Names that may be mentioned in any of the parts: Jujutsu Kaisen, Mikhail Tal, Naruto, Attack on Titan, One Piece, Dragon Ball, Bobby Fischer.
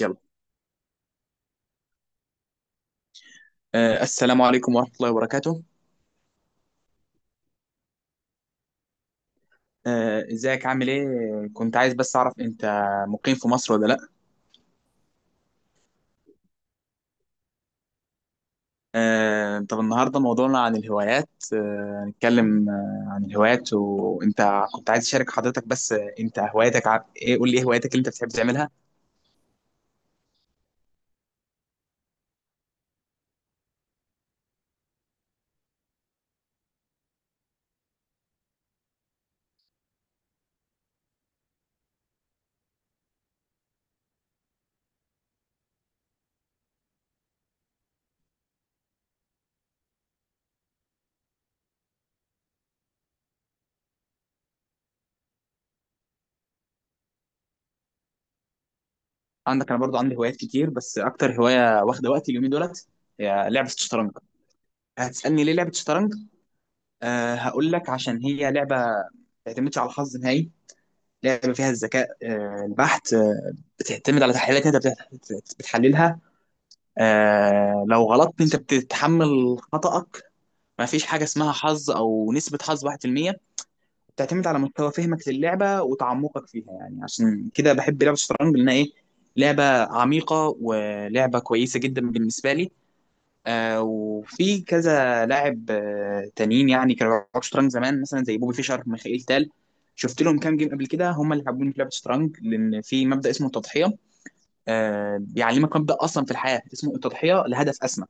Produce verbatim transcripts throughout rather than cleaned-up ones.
يلا. آه السلام عليكم ورحمة الله وبركاته. آه ازيك، عامل ايه؟ كنت عايز بس اعرف، انت مقيم في مصر ولا لا؟ آه طب النهارده موضوعنا عن الهوايات. آه هنتكلم آه عن الهوايات، وانت كنت عايز اشارك حضرتك بس، آه، انت هواياتك ع... ايه، قول لي ايه هواياتك اللي انت بتحب تعملها؟ عندك انا برضو عندي هوايات كتير، بس اكتر هواية واخدة وقتي اليومين دولت هي لعبة الشطرنج. هتسألني ليه لعبة الشطرنج؟ آه هقول لك. عشان هي لعبة ما بتعتمدش على الحظ نهائي. لعبه فيها الذكاء آه، البحت، آه، بتعتمد على تحليلات انت بتحت- بتحللها. آه، لو غلطت انت بتتحمل خطأك. ما فيش حاجه اسمها حظ او نسبه حظ واحد بالمية. بتعتمد على مستوى فهمك للعبه وتعمقك فيها، يعني عشان كده بحب لعبه الشطرنج لانها ايه؟ لعبه عميقه ولعبه كويسه جدا بالنسبه لي. آه وفي كذا لاعب آه تانيين، يعني كانوا بيلعبوا شطرنج زمان مثلا زي بوبي فيشر، ميخائيل تال. شفت لهم كام جيم قبل كده، هم اللي حبوني في لعبه الشطرنج، لان في مبدا اسمه التضحيه. آه بيعلمك مبدا اصلا في الحياه اسمه التضحيه لهدف اسمى.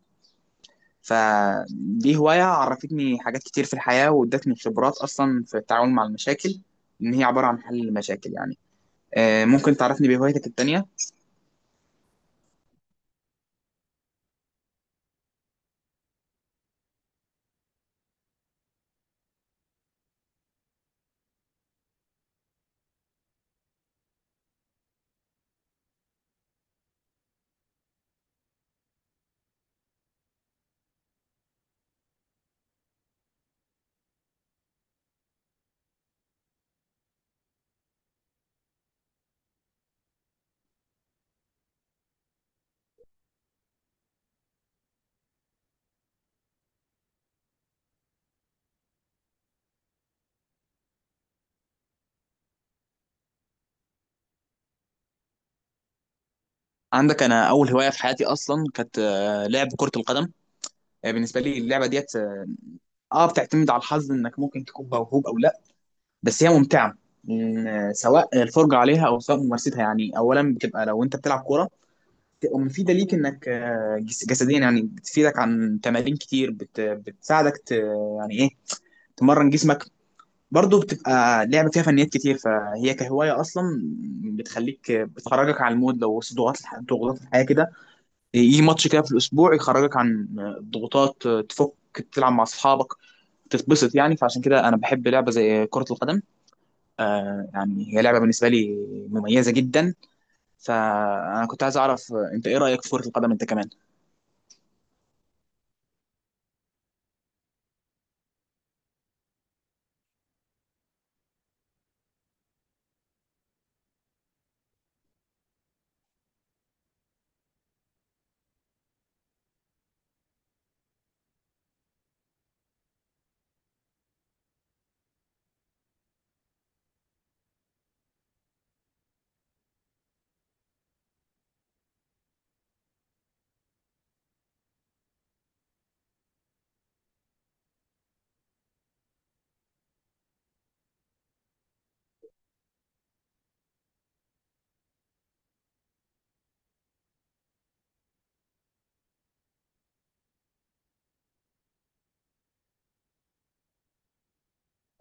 فدي هوايه عرفتني حاجات كتير في الحياه، وادتني خبرات اصلا في التعامل مع المشاكل، ان هي عباره عن حل المشاكل يعني. آه ممكن تعرفني بهوايتك التانيه؟ عندك انا اول هوايه في حياتي اصلا كانت آه، لعب كره القدم. آه، بالنسبه لي اللعبه ديت اه بتعتمد على الحظ، انك ممكن تكون موهوب او لا، بس هي ممتعه. إن- سواء الفرجه عليها او سواء ممارستها، يعني اولا بتبقى لو انت بتلعب كوره بتبقى مفيده ليك، انك آه، جس- جسديا يعني بتفيدك عن تمارين كتير، بت بتساعدك ت يعني ايه، تمرن جسمك. برضه بتبقى لعبه فيها فنيات كتير، فهي كهوايه اصلا بتخليك، بتخرجك عن المود لو وسط ضغوطات الح- ضغوطات الحياه كده، يجي ماتش كده في الاسبوع يخرجك عن الضغوطات، تفك، تلعب مع اصحابك، تتبسط يعني. فعشان كده انا بحب لعبه زي كره القدم. آه يعني هي لعبه بالنسبه لي مميزه جدا. فانا كنت عايز اعرف، آه، انت ايه رايك في كره القدم انت كمان؟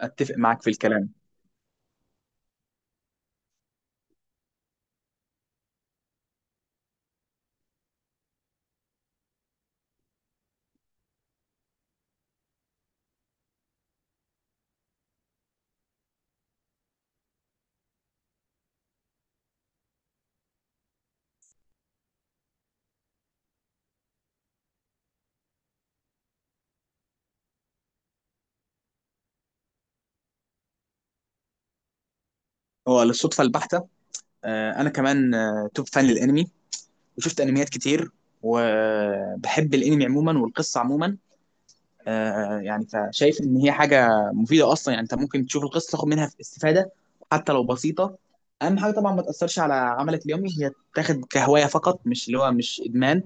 اتفق معاك في الكلام. هو للصدفه البحته. آه انا كمان آه توب فان للانمي، وشفت انميات كتير. وبحب الانمي عموما والقصه عموما. آه يعني فشايف ان هي حاجه مفيده اصلا، يعني انت ممكن تشوف القصه تاخد منها استفاده حتى لو بسيطه. اهم حاجه طبعا ما تاثرش على عملك اليومي، هي تاخد كهوايه فقط، مش اللي هو مش ادمان،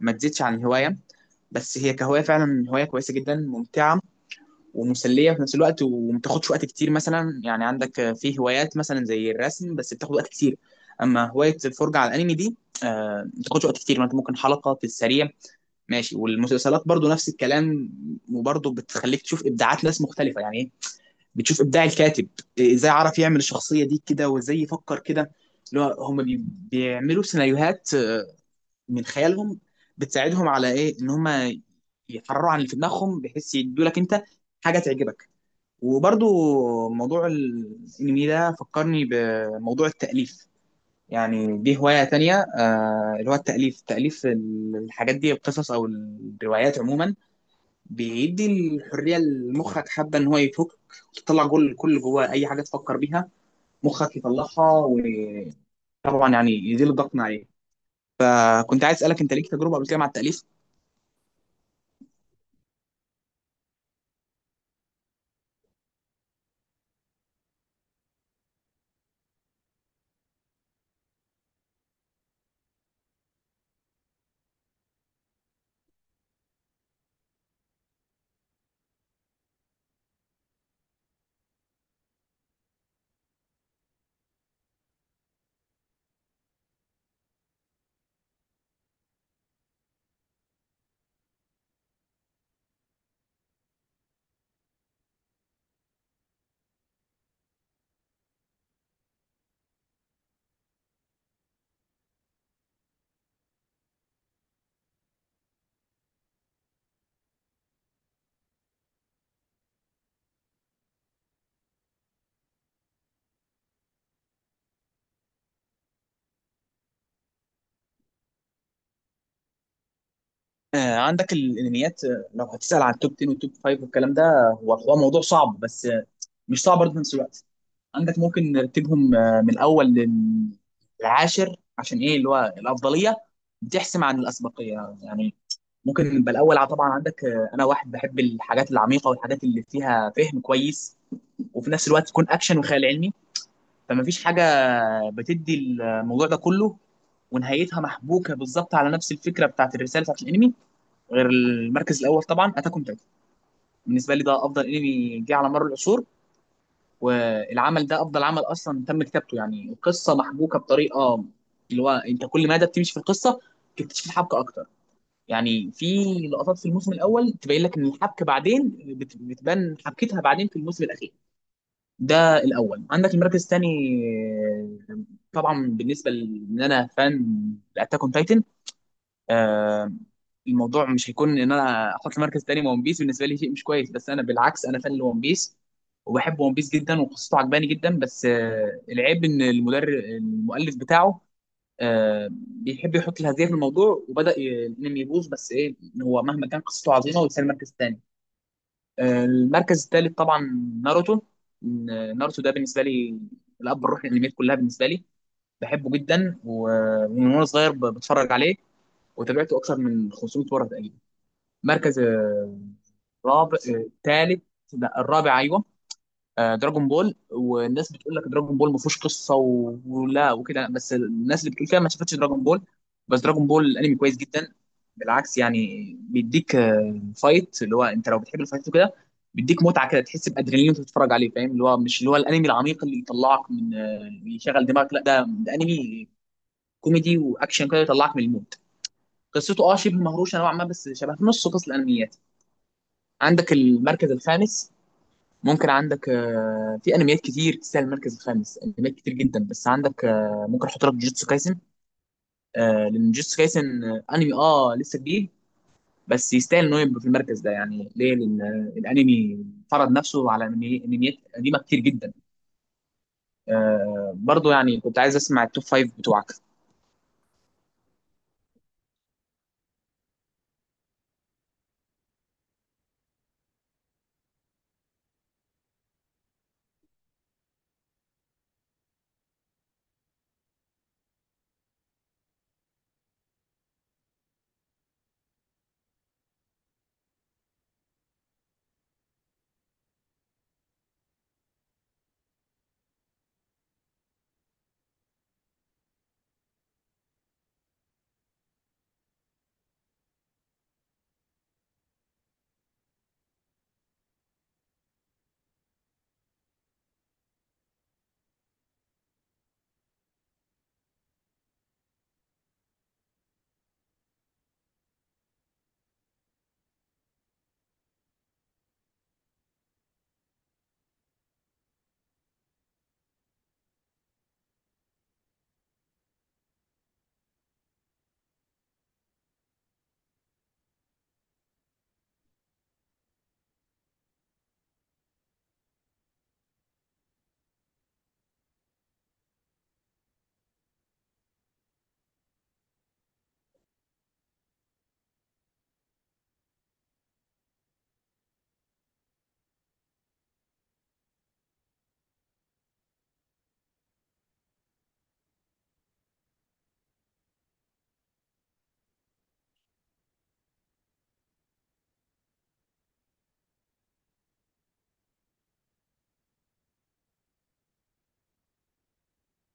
ما تزيدش عن الهوايه. بس هي كهوايه فعلا هوايه كويسه جدا، ممتعه ومسليه في نفس الوقت، وما بتاخدش وقت كتير. مثلا يعني عندك في هوايات مثلا زي الرسم بس بتاخد وقت كتير، اما هوايه الفرجه على الانمي دي آه، ما بتاخدش وقت كتير، ما انت ممكن حلقه في السريع ماشي. والمسلسلات برضو نفس الكلام. وبرضو بتخليك تشوف ابداعات ناس مختلفه، يعني ايه؟ بتشوف ابداع الكاتب، ازاي عرف يعمل الشخصيه دي كده، وازاي يفكر كده. اللي هو هم بي- بيعملوا سيناريوهات من خيالهم. بتساعدهم على ايه؟ ان هم يحرروا عن اللي في دماغهم، بحيث يدوا لك انت حاجه تعجبك. وبرضو موضوع الانمي ده فكرني بموضوع التاليف. يعني دي هوايه تانية، آه اللي هو التاليف، تاليف الحاجات دي، القصص او الروايات عموما، بيدي الحريه لمخك، حابه ان هو يفك، تطلع كل كل جواه اي حاجه تفكر بيها مخك يطلعها. وطبعا يعني يزيل الضغط من عليه. آه كنت عايز اسالك انت ليك تجربه قبل كده مع التاليف؟ آه، عندك الانميات. آه، لو هتسأل عن التوب عشرة والتوب خمسة والكلام ده، هو هو موضوع صعب، بس آه، مش صعب برضه في نفس الوقت. عندك ممكن نرتبهم، آه، من الاول للعاشر عشان ايه؟ اللي هو الافضليه بتحسم عن الاسبقيه يعني. ممكن نبقى الاول ع- طبعا. عندك آه، انا واحد بحب الحاجات العميقه والحاجات اللي فيها فهم كويس، وفي نفس الوقت تكون اكشن وخيال علمي. فما فيش حاجه بتدي الموضوع ده كله ونهايتها محبوكه بالظبط على نفس الفكره بتاعت الرساله بتاعت الانمي غير المركز الاول، طبعا اتاك اون تايتن. بالنسبه لي ده افضل انمي جه على مر العصور، والعمل ده افضل عمل اصلا تم كتابته. يعني القصه محبوكه بطريقه اللي هو انت كل مدى بتمشي في القصه تكتشف الحبكه اكتر. يعني في لقطات في الموسم الاول تبين لك ان الحبكه بعدين بت- بتبان حبكتها بعدين في الموسم الاخير. ده الاول. عندك المركز الثاني، طبعا بالنسبه لان انا فان لاتاك اون تايتن، آه، الموضوع مش هيكون ان انا احط مركز تاني ون بيس. بالنسبه لي شيء مش كويس، بس انا بالعكس انا فان لون بيس وبحب ون بيس جدا وقصته عجباني جدا، بس آه، العيب ان المدرب المؤلف بتاعه آه، بيحب يحط الهزيمه في الموضوع، وبدا ي- الانمي يبوظ، بس ايه؟ إن هو مهما كان قصته عظيمه ويستاهل مركز تاني. آه، المركز التالت طبعا ناروتو. إن ناروتو ده بالنسبه لي الاب الروحي للانميات كلها بالنسبه لي. بحبه جدا، ومن وانا صغير ب- بتفرج عليه، وتابعته اكثر من خمسمية مره تقريبا. مركز آه، رابع، آه، تالت، لا الرابع ايوه. آه، دراجون بول. والناس بتقول لك دراجون بول ما فيهوش قصه و- ولا وكده، بس الناس اللي بتقول كده ما شافتش دراجون بول. بس دراجون بول الانمي كويس جدا. بالعكس يعني بيديك آه، فايت، اللي هو انت لو بتحب الفايت وكده بيديك متعه كده، تحس بادرينالين وانت بتتفرج عليه، فاهم؟ اللي هو مش اللي هو الانمي العميق اللي يطلعك من آه، يشغل دماغك، لا ده ده انمي كوميدي واكشن كده يطلعك من المود. قصته اه شبه مهروشه نوعا ما، بس شبه نص قصه الانميات. عندك المركز الخامس، ممكن عندك آه، في انميات كتير تستاهل المركز الخامس، انميات كتير جدا، بس عندك آه، ممكن احط لك جوجوتسو كايسن. آه، لان جوجوتسو كايسن آه، انمي اه لسه جديد، بس يستاهل انه يبقى في المركز ده يعني. ليه؟ لان آه، الانمي فرض نفسه على أنمي- انميات قديمه كتير جدا. آه، برضو يعني كنت عايز اسمع التوب فايف بتوعك.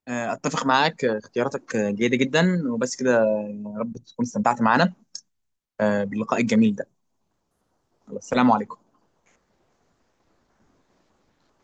آه، اتفق معاك، آه، اختياراتك آه، جيده جدا، وبس كده آه، يا رب تكون استمتعت معانا آه، باللقاء الجميل ده. السلام عليكم.